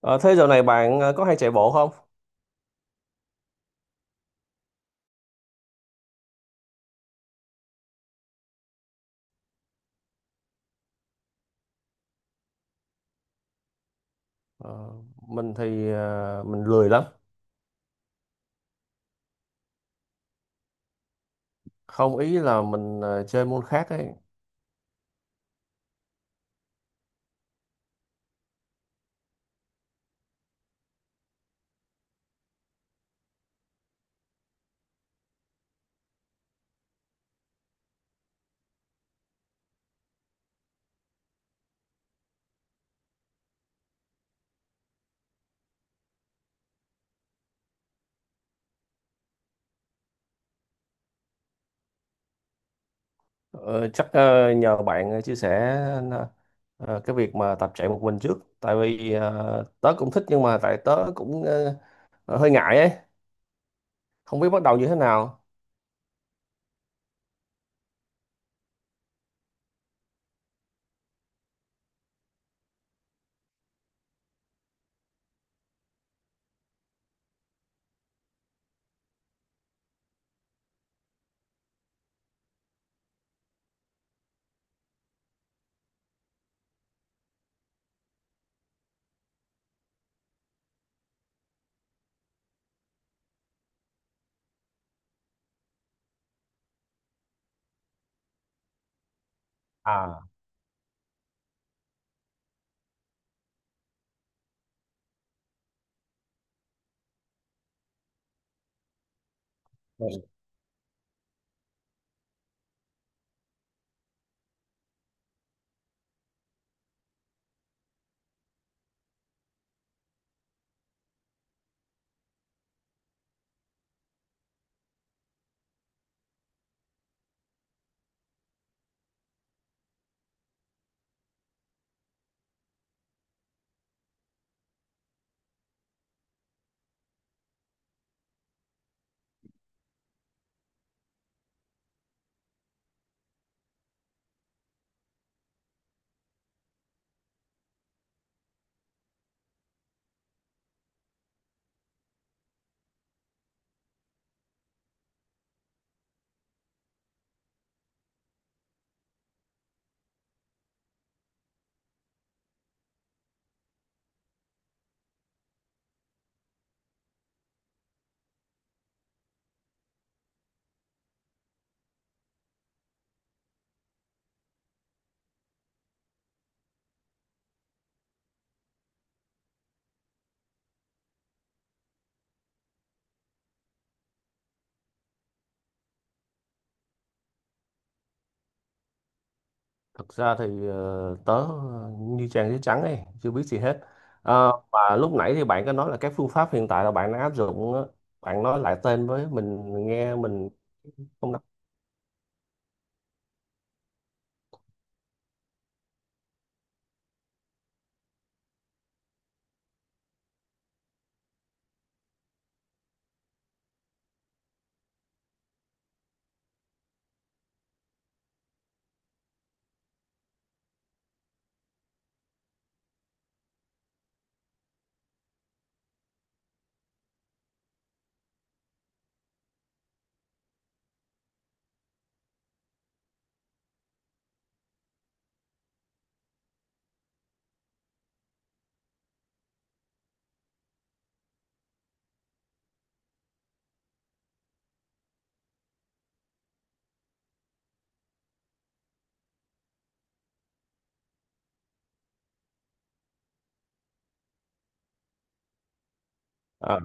Ờ, thế dạo này bạn có hay chạy bộ không? Ờ, mình thì mình lười lắm. Không, ý là mình chơi môn khác ấy. Ờ, chắc nhờ bạn chia sẻ ờ, cái việc mà tập chạy một mình trước. Tại vì tớ cũng thích nhưng mà tại tớ cũng hơi ngại ấy. Không biết bắt đầu như thế nào. À. Ừ. Thật ra thì tớ như trang giấy trắng ấy, chưa biết gì hết. Ờ, và lúc nãy thì bạn có nói là các phương pháp hiện tại là bạn đang áp dụng, á. Bạn nói lại tên với mình nghe, mình không đọc. À.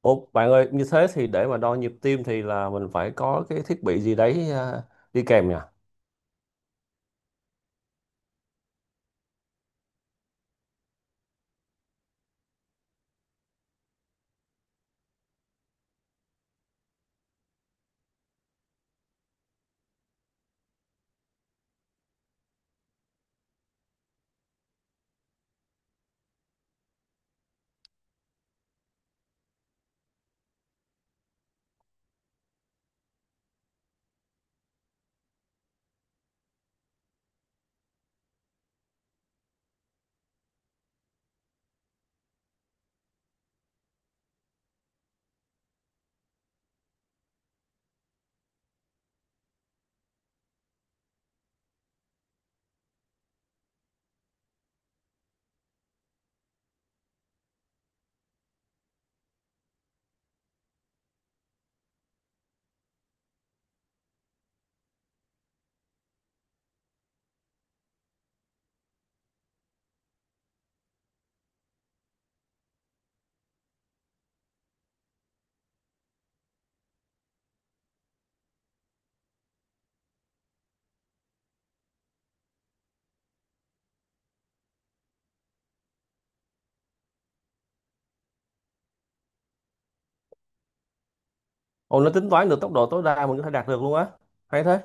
Ồ, bạn ơi, như thế thì để mà đo nhịp tim thì là mình phải có cái thiết bị gì đấy đi kèm nhỉ? Ồ, nó tính toán được tốc độ tối đa mình có thể đạt được luôn á. Hay thế.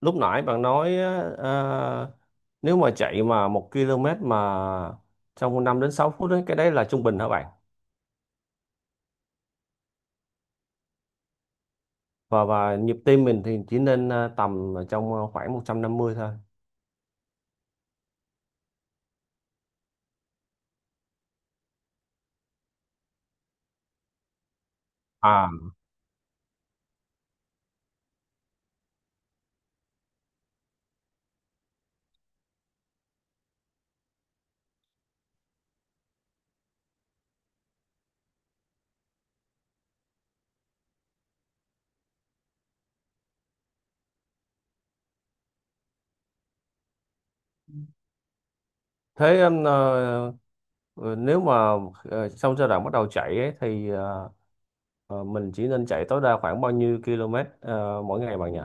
Lúc nãy bạn nói ờ, nếu mà chạy mà 1 km mà trong 5 đến 6 phút ấy, cái đấy là trung bình hả bạn? Và nhịp tim mình thì chỉ nên tầm ở trong khoảng 150 thôi à? Thế em, nếu mà sau giai đoạn bắt đầu chạy ấy, thì mình chỉ nên chạy tối đa khoảng bao nhiêu km mỗi ngày bạn nhỉ?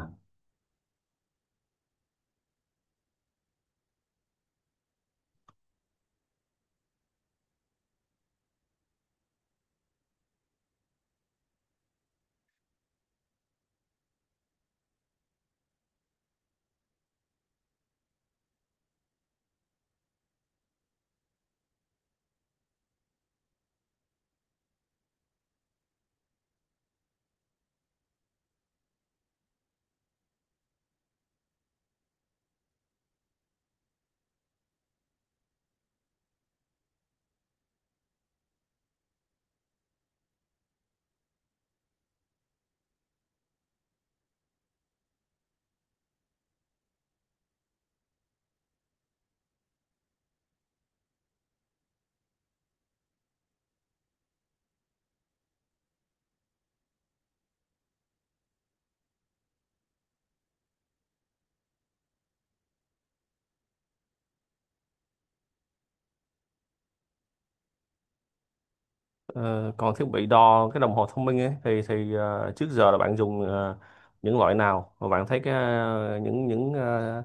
Ờ, còn thiết bị đo cái đồng hồ thông minh ấy thì trước giờ là bạn dùng những loại nào, và bạn thấy cái ờ, những những ờ,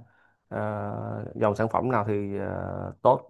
ờ, dòng sản phẩm nào thì tốt?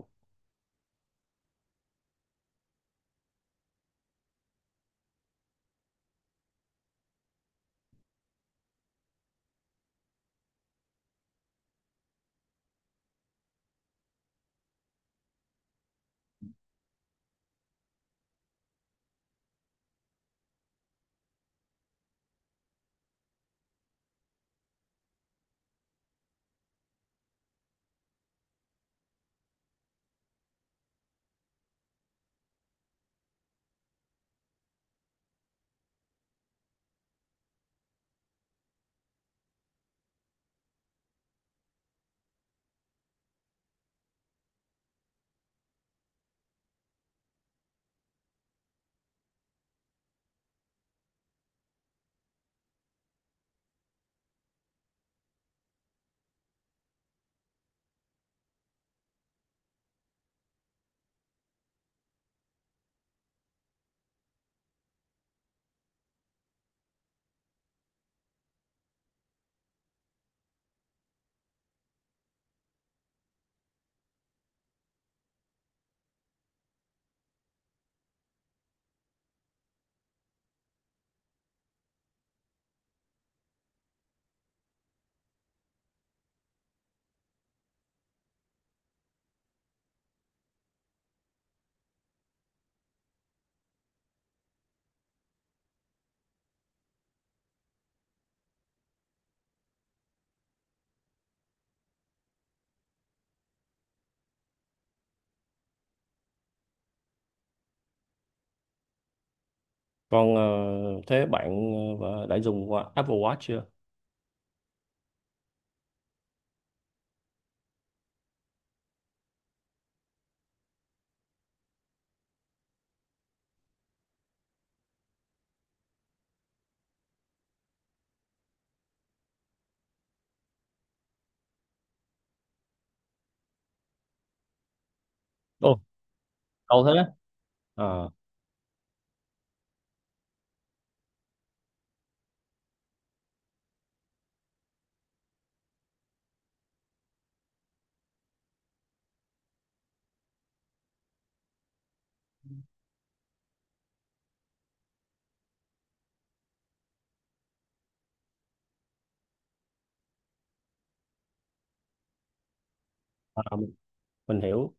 Còn thế bạn đã dùng qua Apple Watch chưa? Cầu thế. Ờ, à, mình hiểu.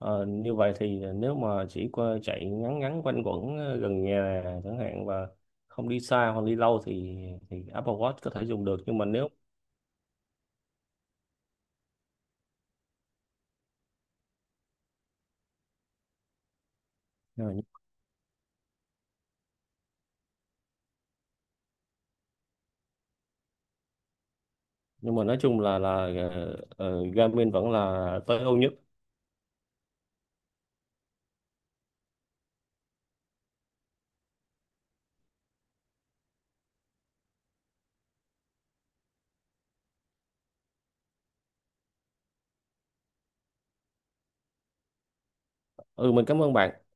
Ờ, như vậy thì nếu mà chỉ qua chạy ngắn ngắn quanh quẩn gần nhà chẳng hạn và không đi xa hoặc đi lâu thì Apple Watch có thể dùng được, nhưng mà nếu… Rồi. Nhưng mà nói chung là Garmin vẫn là tối ưu nhất. Ừ, mình cảm ơn bạn.